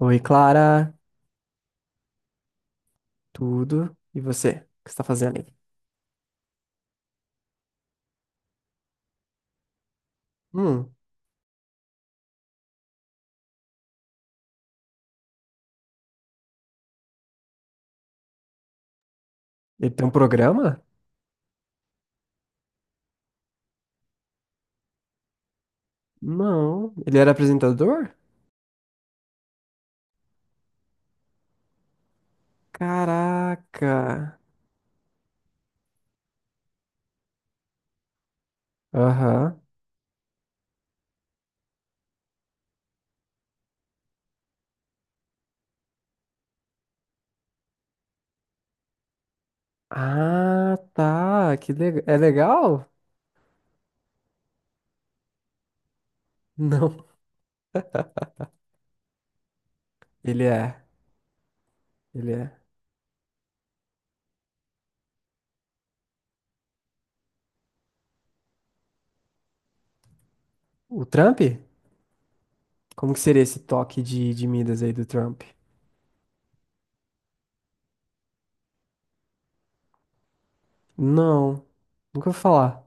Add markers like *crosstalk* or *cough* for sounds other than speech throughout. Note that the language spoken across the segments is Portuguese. Oi, Clara, tudo? E você? O que você está fazendo aí? Hum, ele tem um programa? Não, ele era apresentador? Caraca. Aham. Ah, tá. Que legal. É legal? Não, ele é. Ele é. O Trump? Como que seria esse toque de Midas aí do Trump? Não, nunca vou falar.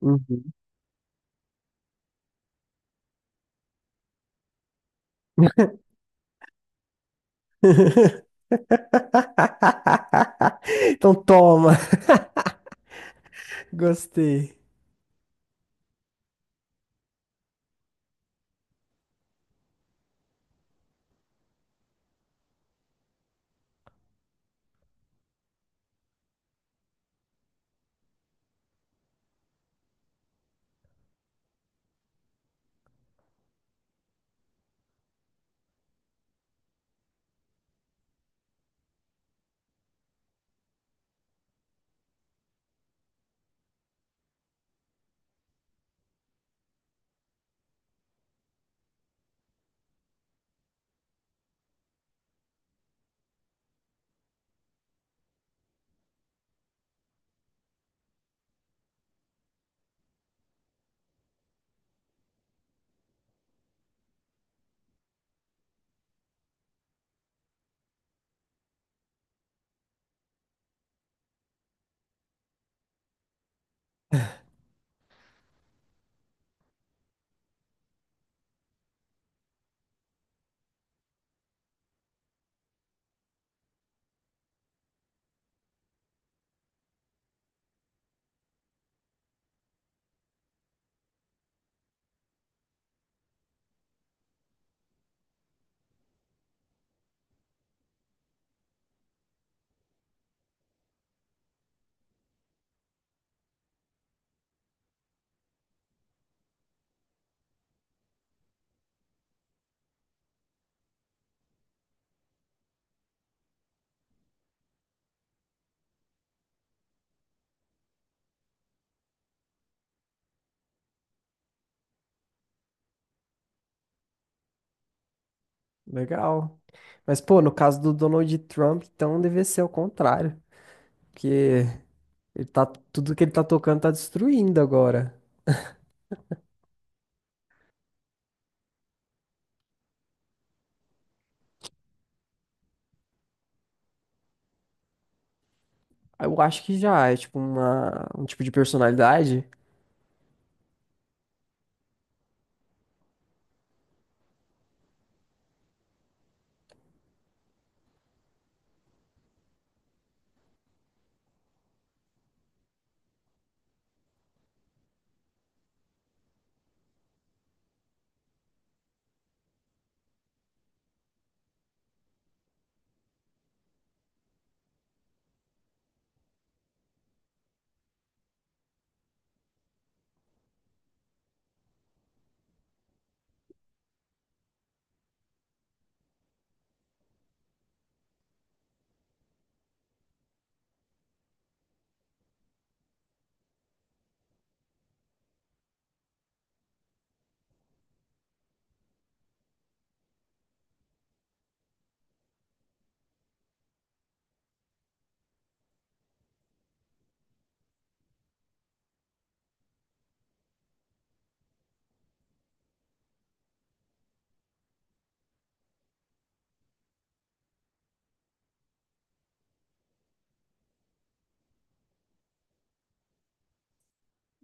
Uhum. *laughs* Então toma. *laughs* Gostei. Legal. Mas, pô, no caso do Donald Trump, então deve ser o contrário. Porque ele tá, tudo que ele tá tocando tá destruindo agora. Eu acho que já é tipo um tipo de personalidade.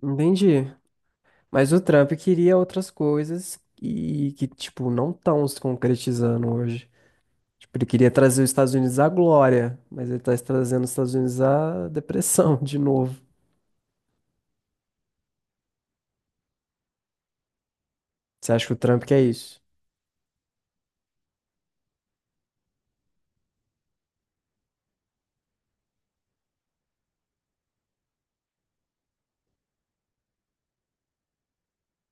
Entendi. Mas o Trump queria outras coisas e que, tipo, não estão se concretizando hoje. Tipo, ele queria trazer os Estados Unidos à glória, mas ele tá trazendo os Estados Unidos à depressão *laughs* de novo. Você acha que o Trump quer isso?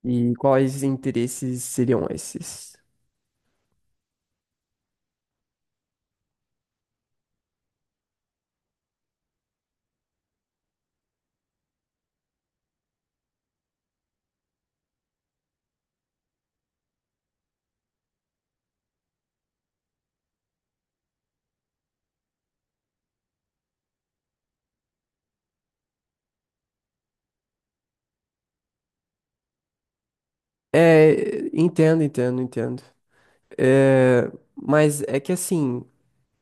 E quais interesses seriam esses? É, entendo, entendo, entendo. É, mas é que assim,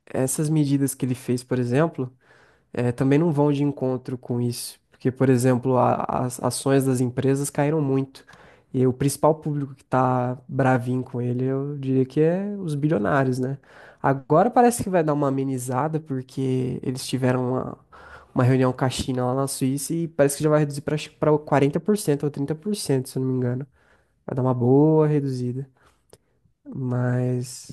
essas medidas que ele fez, por exemplo, também não vão de encontro com isso. Porque, por exemplo, as ações das empresas caíram muito. E o principal público que tá bravinho com ele, eu diria que é os bilionários, né? Agora parece que vai dar uma amenizada, porque eles tiveram uma reunião com a China lá na Suíça e parece que já vai reduzir para 40% ou 30% se eu não me engano. Vai dar uma boa reduzida. Mas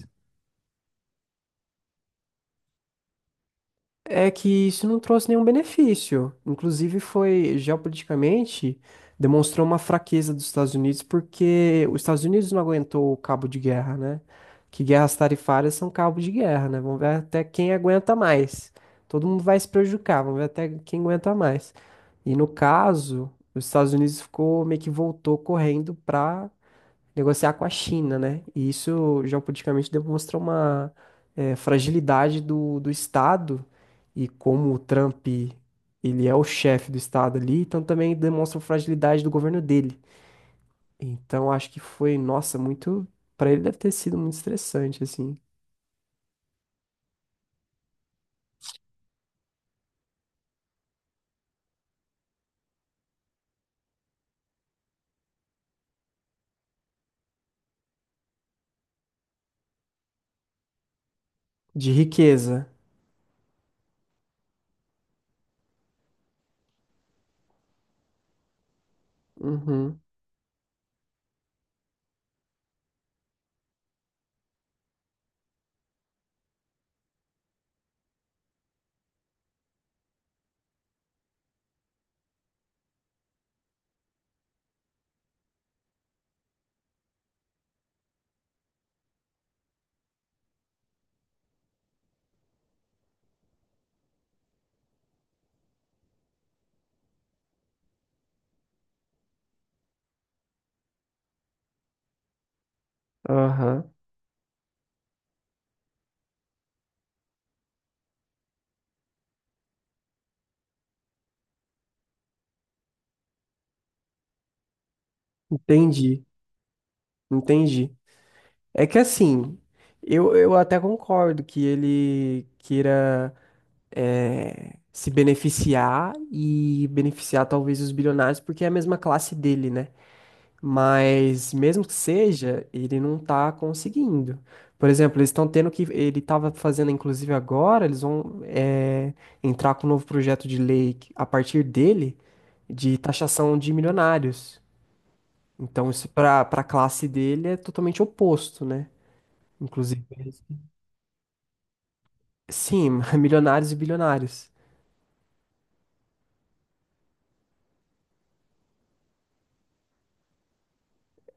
é que isso não trouxe nenhum benefício. Inclusive, foi geopoliticamente demonstrou uma fraqueza dos Estados Unidos, porque os Estados Unidos não aguentou o cabo de guerra, né? Que guerras tarifárias são cabo de guerra, né? Vamos ver até quem aguenta mais. Todo mundo vai se prejudicar, vamos ver até quem aguenta mais. E no caso, os Estados Unidos ficou meio que voltou correndo para negociar com a China, né? E isso geopoliticamente demonstra uma fragilidade do Estado e como o Trump ele é o chefe do Estado ali, então também demonstra a fragilidade do governo dele. Então acho que foi, nossa, muito, para ele deve ter sido muito estressante assim, de riqueza. Uhum. Aham. Entendi. Entendi. É que assim, eu até concordo que ele queira se beneficiar e beneficiar talvez os bilionários, porque é a mesma classe dele, né? Mas mesmo que seja, ele não tá conseguindo. Por exemplo, eles estão tendo que. Ele estava fazendo, inclusive agora, eles vão entrar com um novo projeto de lei que- a partir dele de taxação de milionários. Então, isso para a classe dele é totalmente oposto, né? Inclusive, eles- sim, *laughs* milionários e bilionários.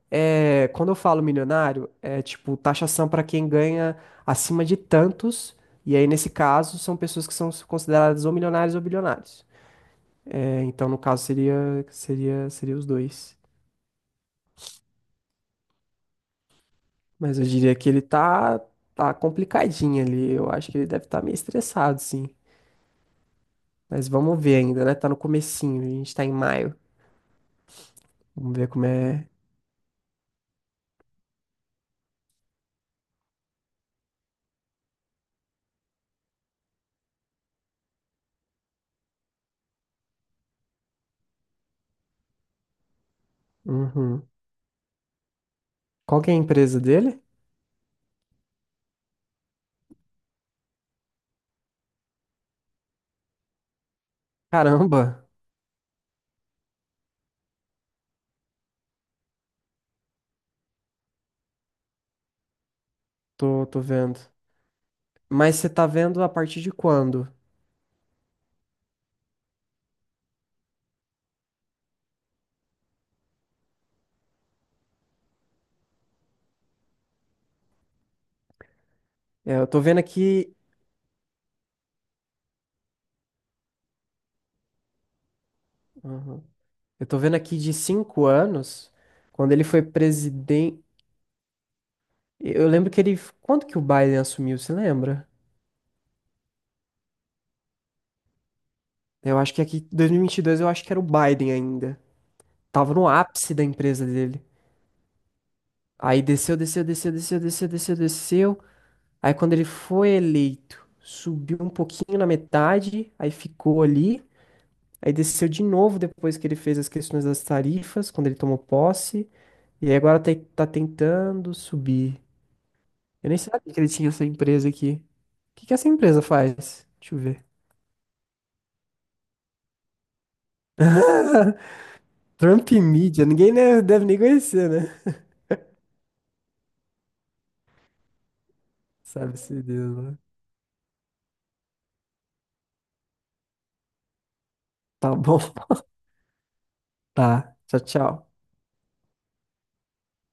É, quando eu falo milionário, é tipo taxação para quem ganha acima de tantos, e aí nesse caso são pessoas que são consideradas ou milionários ou bilionários. É, então no caso seria seria os dois. Mas eu diria que ele tá complicadinho ali. Eu acho que ele deve estar meio estressado, sim. Mas vamos ver ainda, né? Tá no comecinho, a gente tá em maio. Vamos ver como é. Uhum. Qual que é a empresa dele? Caramba, tô vendo. Mas você tá vendo a partir de quando? É, eu tô vendo aqui. Uhum. Eu tô vendo aqui de 5 anos, quando ele foi presidente. Eu lembro que ele. Quando que o Biden assumiu, você lembra? Eu acho que aqui, dois mil e vinte e dois, eu acho que era o Biden ainda. Tava no ápice da empresa dele. Aí desceu. Aí quando ele foi eleito, subiu um pouquinho na metade, aí ficou ali. Aí desceu de novo depois que ele fez as questões das tarifas, quando ele tomou posse. E aí agora tá tentando subir. Eu nem sabia que ele tinha essa empresa aqui. O que que essa empresa faz? Deixa eu ver. *laughs* Trump Media, ninguém né, deve nem conhecer, né? Sabe-se Deus, né? Tá bom. *laughs* Tá. Tchau, tchau.